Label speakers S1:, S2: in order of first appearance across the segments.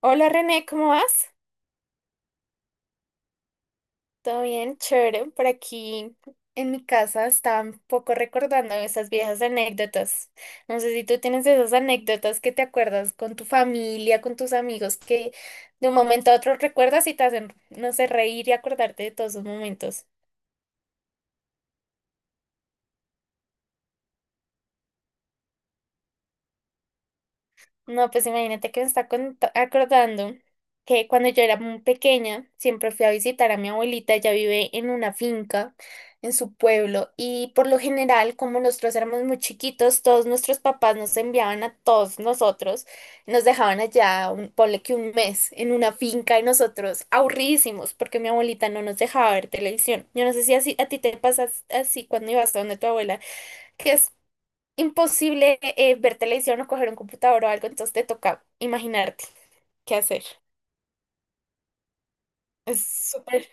S1: Hola René, ¿cómo vas? ¿Todo bien? Chévere. Por aquí en mi casa estaba un poco recordando esas viejas anécdotas. No sé si tú tienes esas anécdotas que te acuerdas con tu familia, con tus amigos, que de un momento a otro recuerdas y te hacen, no sé, reír y acordarte de todos esos momentos. No, pues imagínate que me está acordando que cuando yo era muy pequeña, siempre fui a visitar a mi abuelita, ella vive en una finca, en su pueblo, y por lo general, como nosotros éramos muy chiquitos, todos nuestros papás nos enviaban a todos nosotros, nos dejaban allá, un, ponle que un mes, en una finca, y nosotros aburridísimos, porque mi abuelita no nos dejaba ver televisión. Yo no sé si así, a ti te pasas así cuando ibas a donde tu abuela, que es imposible ver televisión o coger un computador o algo, entonces te toca imaginarte qué hacer. Es súper.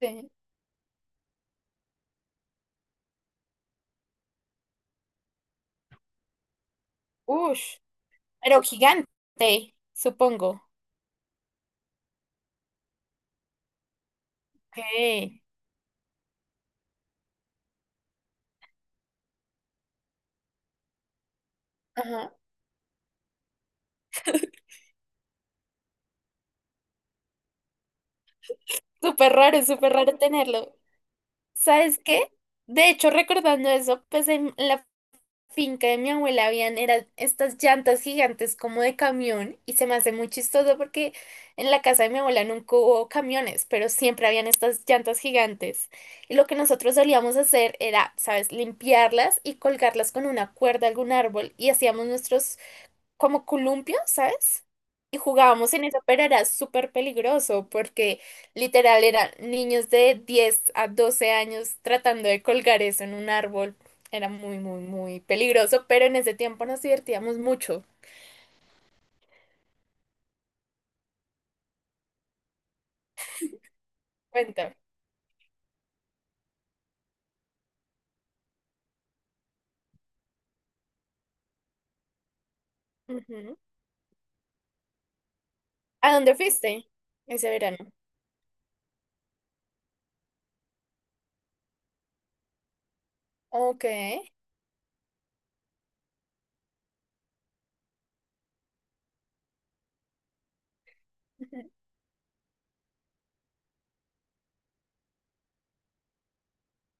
S1: Sí. Ush, pero gigante, supongo. Okay. Ajá. Súper raro tenerlo. ¿Sabes qué? De hecho, recordando eso, pues en la finca de mi abuela habían eran estas llantas gigantes como de camión y se me hace muy chistoso porque en la casa de mi abuela nunca hubo camiones, pero siempre habían estas llantas gigantes. Y lo que nosotros solíamos hacer era, ¿sabes?, limpiarlas y colgarlas con una cuerda a algún árbol y hacíamos nuestros como columpio, ¿sabes? Y jugábamos en eso, pero era súper peligroso porque literal eran niños de 10 a 12 años tratando de colgar eso en un árbol. Era muy, muy, muy peligroso, pero en ese tiempo nos divertíamos mucho. Cuenta. Ujú. ¿A dónde fuiste ese verano? Ok. Ujú.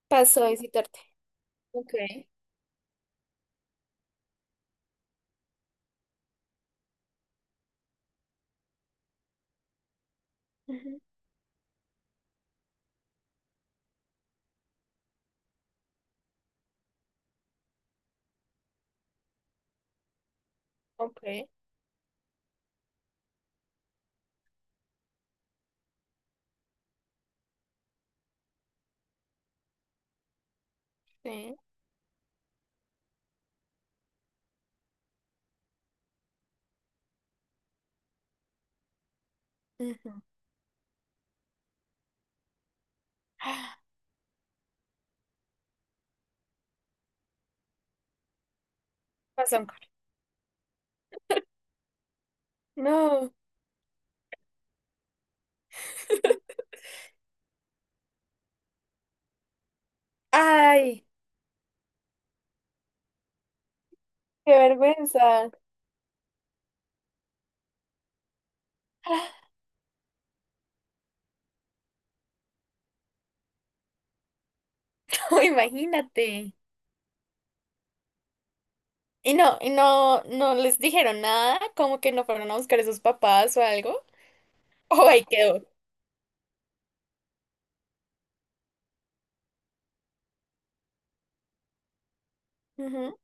S1: Pasó a visitarte. Ok. Ujú. Ok. Sí. Ujú. Ah, pasó un carro. No. Ay, qué vergüenza. Imagínate. Y no, no les dijeron nada, como que no fueron a buscar a sus papás o algo. O ahí quedó. Ujú,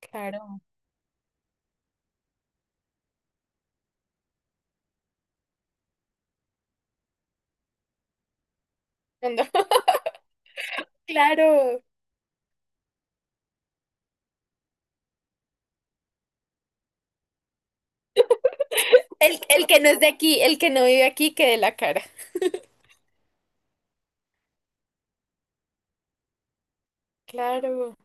S1: claro. Ando- Claro. El que no es de aquí, el que no vive aquí, que de la cara. Claro.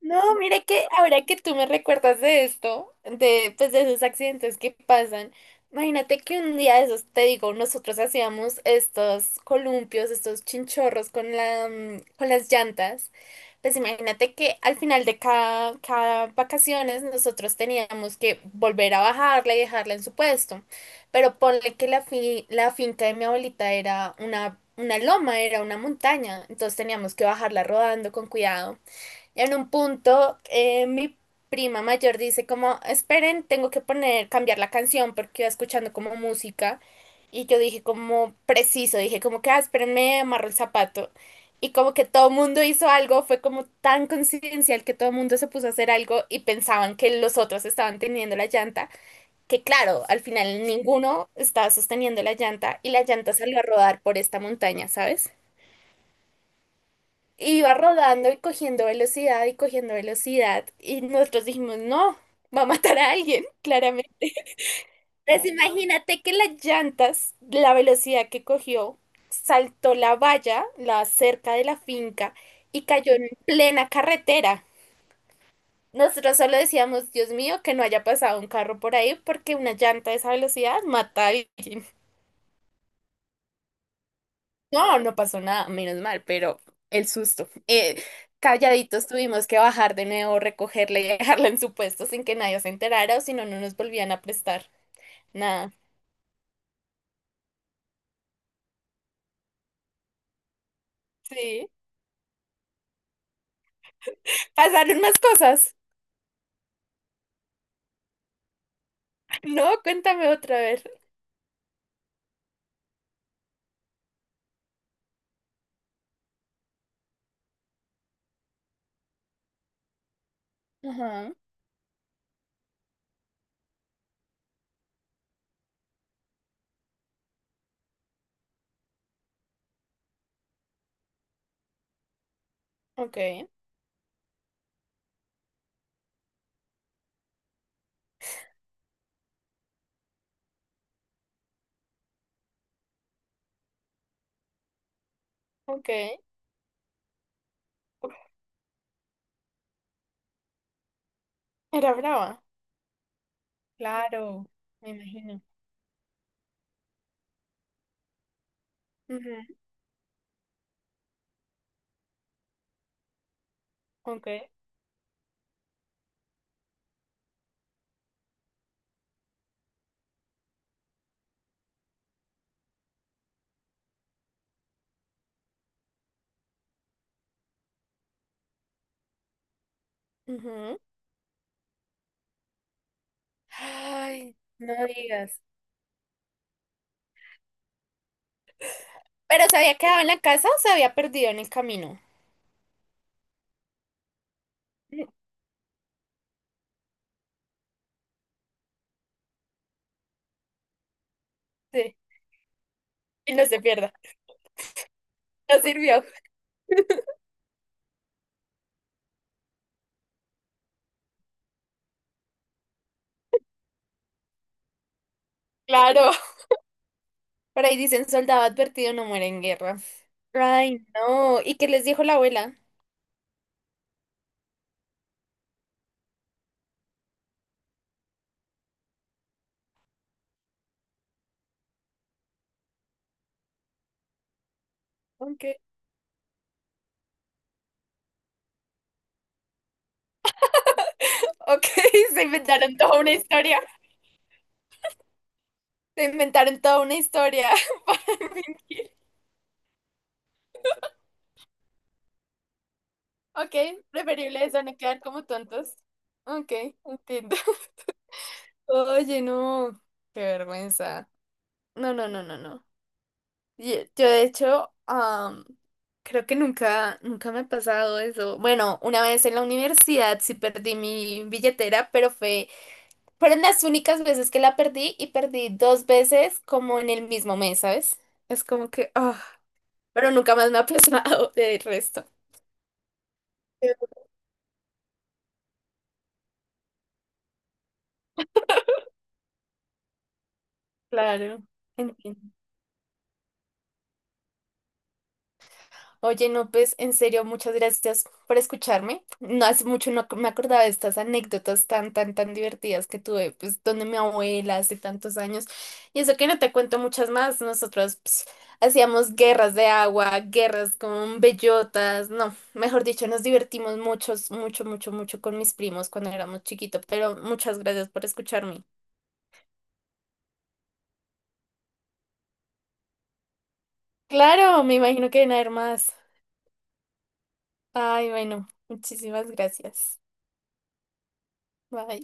S1: No, mire que ahora que tú me recuerdas de esto, de, pues de esos accidentes que pasan, imagínate que un día de esos, te digo, nosotros hacíamos estos columpios, estos chinchorros con la, con las llantas. Pues imagínate que al final de cada vacaciones nosotros teníamos que volver a bajarla y dejarla en su puesto. Pero ponle que la finca de mi abuelita era una loma, era una montaña. Entonces teníamos que bajarla rodando con cuidado. En un punto, mi prima mayor dice como, esperen, tengo que poner, cambiar la canción porque iba escuchando como música. Y yo dije como preciso, dije como que, ah, espérenme, amarro el zapato. Y como que todo el mundo hizo algo, fue como tan coincidencial que todo el mundo se puso a hacer algo y pensaban que los otros estaban teniendo la llanta, que claro, al final ninguno estaba sosteniendo la llanta y la llanta salió a rodar por esta montaña, ¿sabes? Iba rodando y cogiendo velocidad y cogiendo velocidad. Y nosotros dijimos, no, va a matar a alguien, claramente. Entonces imagínate que las llantas, la velocidad que cogió, saltó la valla, la cerca de la finca, y cayó en plena carretera. Nosotros solo decíamos, Dios mío, que no haya pasado un carro por ahí, porque una llanta a esa velocidad mata a alguien. No, no pasó nada, menos mal, pero el susto. Calladitos tuvimos que bajar de nuevo, recogerla y dejarla en su puesto sin que nadie se enterara o si no, no nos volvían a prestar nada. Sí. Pasaron más cosas. No, cuéntame otra vez. Ajá, ok, ok. Era brava. Claro, me imagino. Ujú, ok, ujú. Ay, no digas. ¿Pero se había quedado en la casa o se había perdido en el camino? Sí, y no se pierda. No sirvió. Claro. Por ahí dicen, soldado advertido no muere en guerra. Ay, no, ¿y qué les dijo la abuela? Ok, ok, se inventaron toda una historia. Se inventaron toda una historia para fingir. Ok, preferible eso, no quedar como tontos. Ok, entiendo. Oye, no, qué vergüenza. No, no, no, no, no. Yo, de hecho, creo que nunca, nunca me ha pasado eso. Bueno, una vez en la universidad sí perdí mi billetera, pero Fueron las únicas veces que la perdí y perdí dos veces como en el mismo mes, ¿sabes? Es como que, ah, pero nunca más me ha pasado de resto. Claro, entiendo. Oye, no, pues en serio, muchas gracias por escucharme. No hace mucho no me acordaba de estas anécdotas tan, tan, tan divertidas que tuve, pues, donde mi abuela hace tantos años. Y eso que no te cuento muchas más. Nosotros pues, hacíamos guerras de agua, guerras con bellotas. No, mejor dicho, nos divertimos mucho, mucho, mucho, mucho con mis primos cuando éramos chiquitos. Pero muchas gracias por escucharme. Claro, me imagino que van a haber más. Ay, bueno, muchísimas gracias. Bye.